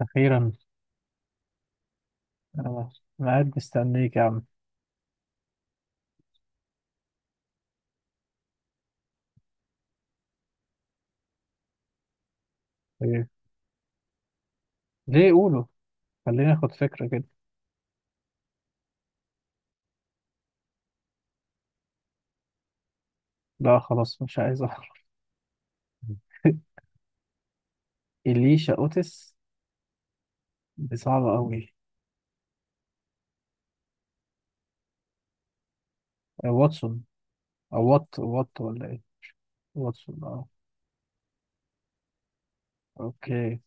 أخيرا. أنا قاعد مستنيك يا عم. إيه؟ ليه قولوا، خليني آخد فكرة كده. لا خلاص مش عايز أعرف. إليشا أوتس. دي صعبة أوي. واتسون، أو وات وات ولا إيه. واتسون أه. أوكي.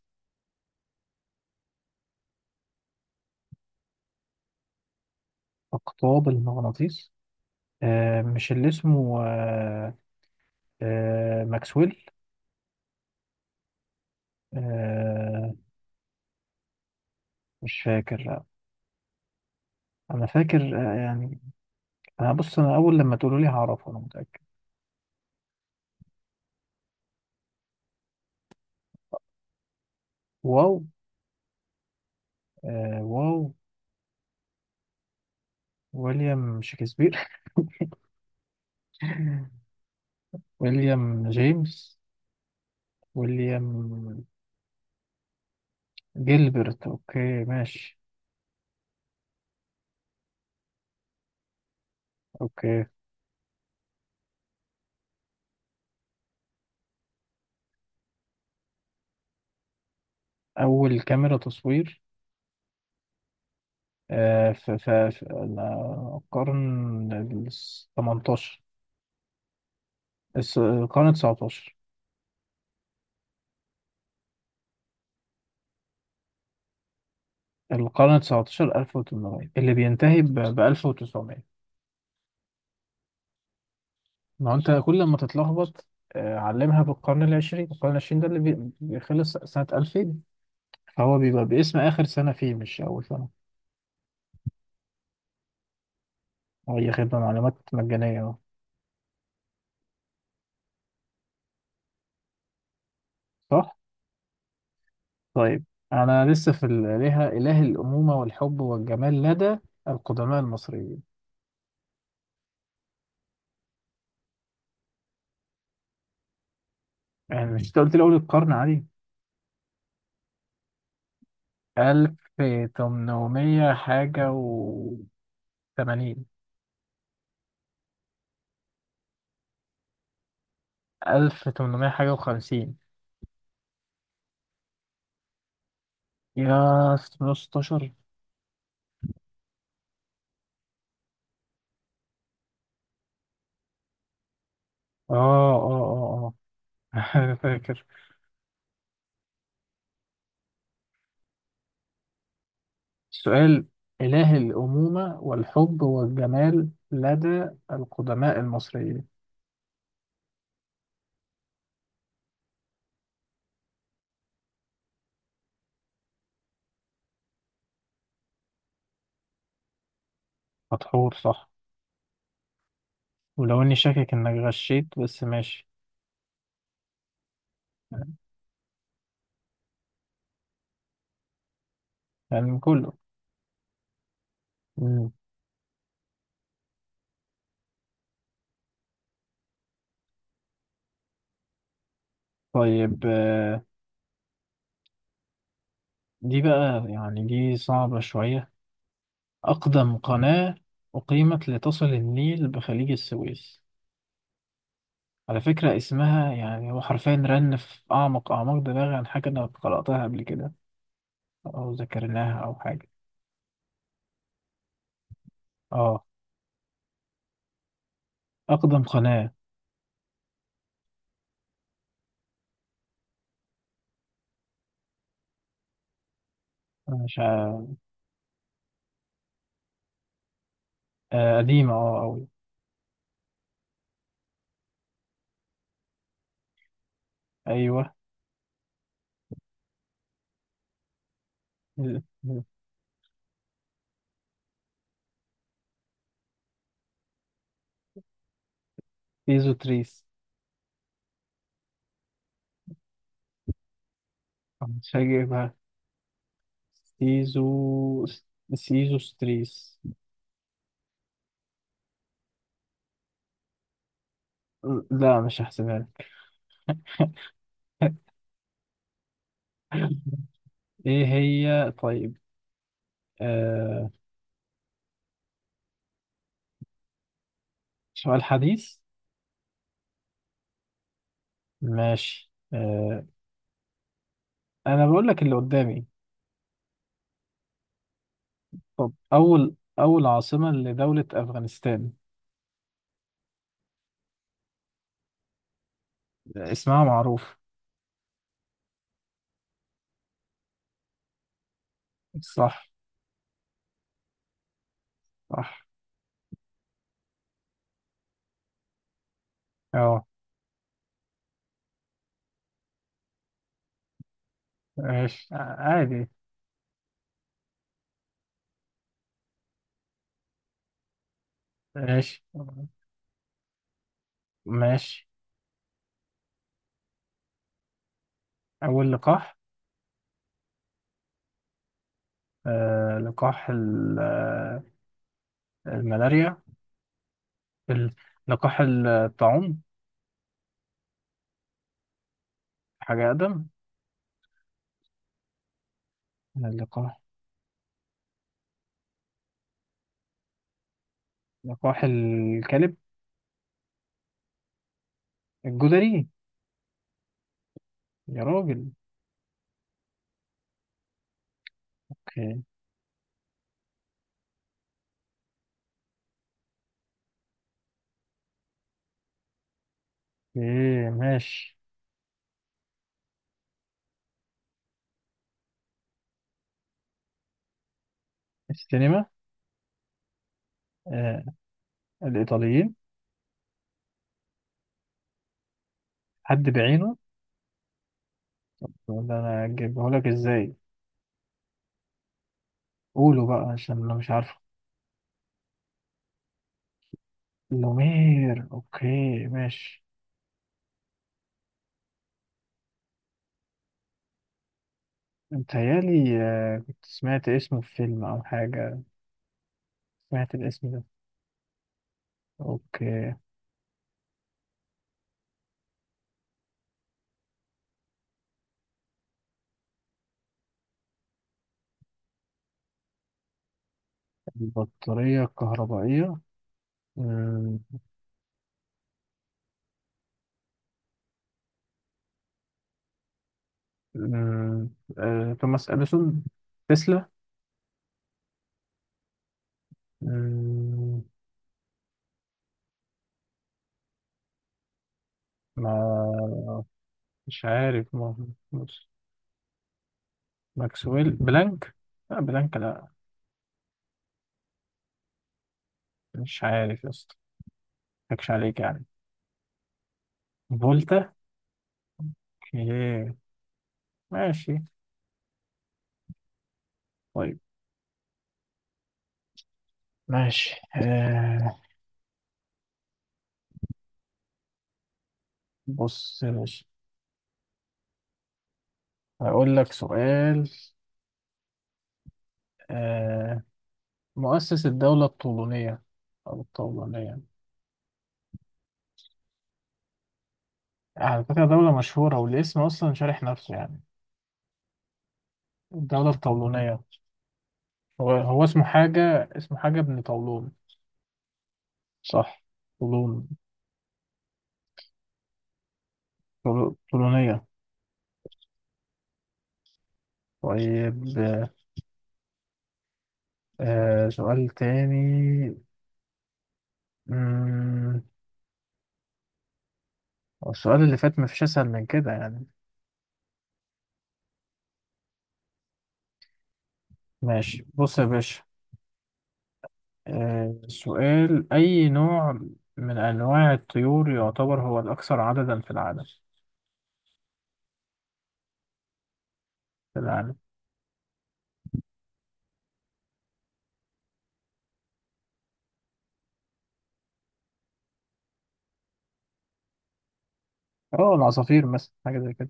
أقطاب المغناطيس. مش اللي اسمه ماكسويل. آه مش فاكر لا. أنا فاكر، يعني. أنا بص، أنا أول لما تقولوا لي هعرفه أنا متأكد. واو. آه واو. ويليام شكسبير. ويليام جيمس. ويليام جيلبرت. اوكي ماشي. اوكي. اول كاميرا تصوير. في القرن ال 18. القرن 19. 1800 اللي بينتهي ب 1900. ما هو انت كل ما تتلخبط. علمها بالقرن العشرين. القرن العشرين ده اللي بيخلص سنة 2000، فهو بيبقى باسم آخر سنة فيه مش أول سنة. هي خدمة معلومات مجانية أهو. صح؟ طيب. أنا لسه في الآلهة، إله الأمومة والحب والجمال لدى القدماء المصريين. يعني مش أنت قلت لي أول القرن عادي؟ 1800 حاجة و80. 1800 حاجة و50. يا 616. آه آه آه. آه أنا فاكر. السؤال: إله الأمومة والحب والجمال لدى القدماء المصريين. مدحور صح، ولو إني شاكك إنك غشيت بس ماشي. يعني كله. طيب. دي بقى يعني دي صعبة شوية. أقدم قناة أقيمت لتصل النيل بخليج السويس. على فكرة اسمها، يعني هو حرفيا رن في أعمق أعماق دماغي، عن حاجة أنا قرأتها قبل كده أو ذكرناها أو حاجة. أه. أقدم قناة. أنا مش ع- قديمة أه أوي. أيوه. سيزو تريس. مش هجيبها. سيزو. سيزو ستريس. لا مش هحسبها لك. ايه هي طيب. آه. سؤال حديث. ماشي آه. أنا بقول لك اللي قدامي. طب أول عاصمة لدولة أفغانستان. اسمها معروف. صح. صح. أه ماشي، عادي. ماشي ماشي. أول لقاح. لقاح الملاريا. ال- لقاح الطاعون. حاجة أقدم. لقاح. لقاح الكلب. الجدري. يا راجل. أوكي. أوكي، ماشي. السينما. آه الإيطاليين. حد بعينه. يقول أنا أجيبه لك إزاي؟ قولوا بقى عشان أنا مش عارفه. لومير. أوكي ماشي. متهيألي آه كنت سمعت اسمه في فيلم أو حاجة. سمعت الاسم ده. أوكي. البطارية الكهربائية. مم، مم، توماس أديسون. تسلا. مم، ما مش عارف، ماكسويل بلانك. لا بلانك لا. مش عارف يا اسطى، مضحكش عليك يعني. فولتا. ايه ماشي. طيب ماشي آه. بص يا باشا. هقول لك سؤال. آه. مؤسس الدولة الطولونية، أو الطولونية. على فكرة دولة مشهورة والاسم أصلا شارح نفسه يعني. الدولة الطولونية. هو اسمه حاجة، اسمه حاجة ابن طولون. صح. طولون. طولونية. طيب. آه، سؤال تاني. مم، السؤال اللي فات مفيش أسهل من كده يعني. ماشي بص يا باشا. آه، سؤال: أي نوع من أنواع الطيور يعتبر هو الأكثر عددا في العالم؟ في العالم اه. العصافير مثلا حاجة زي كده.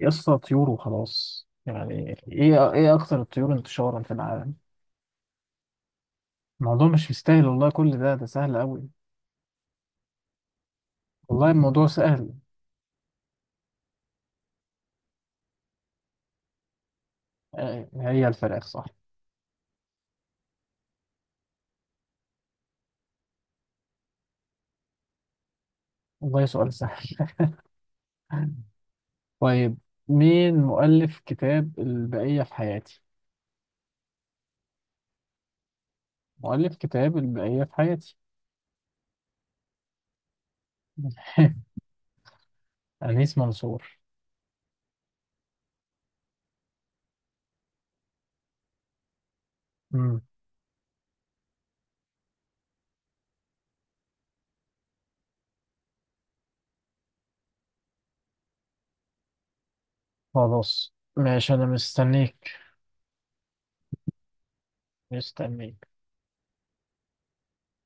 يا اسطى طيور وخلاص. يعني ايه أكثر الطيور انتشارا في العالم. الموضوع مش مستاهل والله، كل ده سهل أوي. والله الموضوع سهل. آه، هي الفراخ صح. والله سؤال سهل. طيب. مين مؤلف كتاب البقية في حياتي؟ مؤلف كتاب البقية في حياتي أنيس منصور. خلاص ماشي انا مستنيك.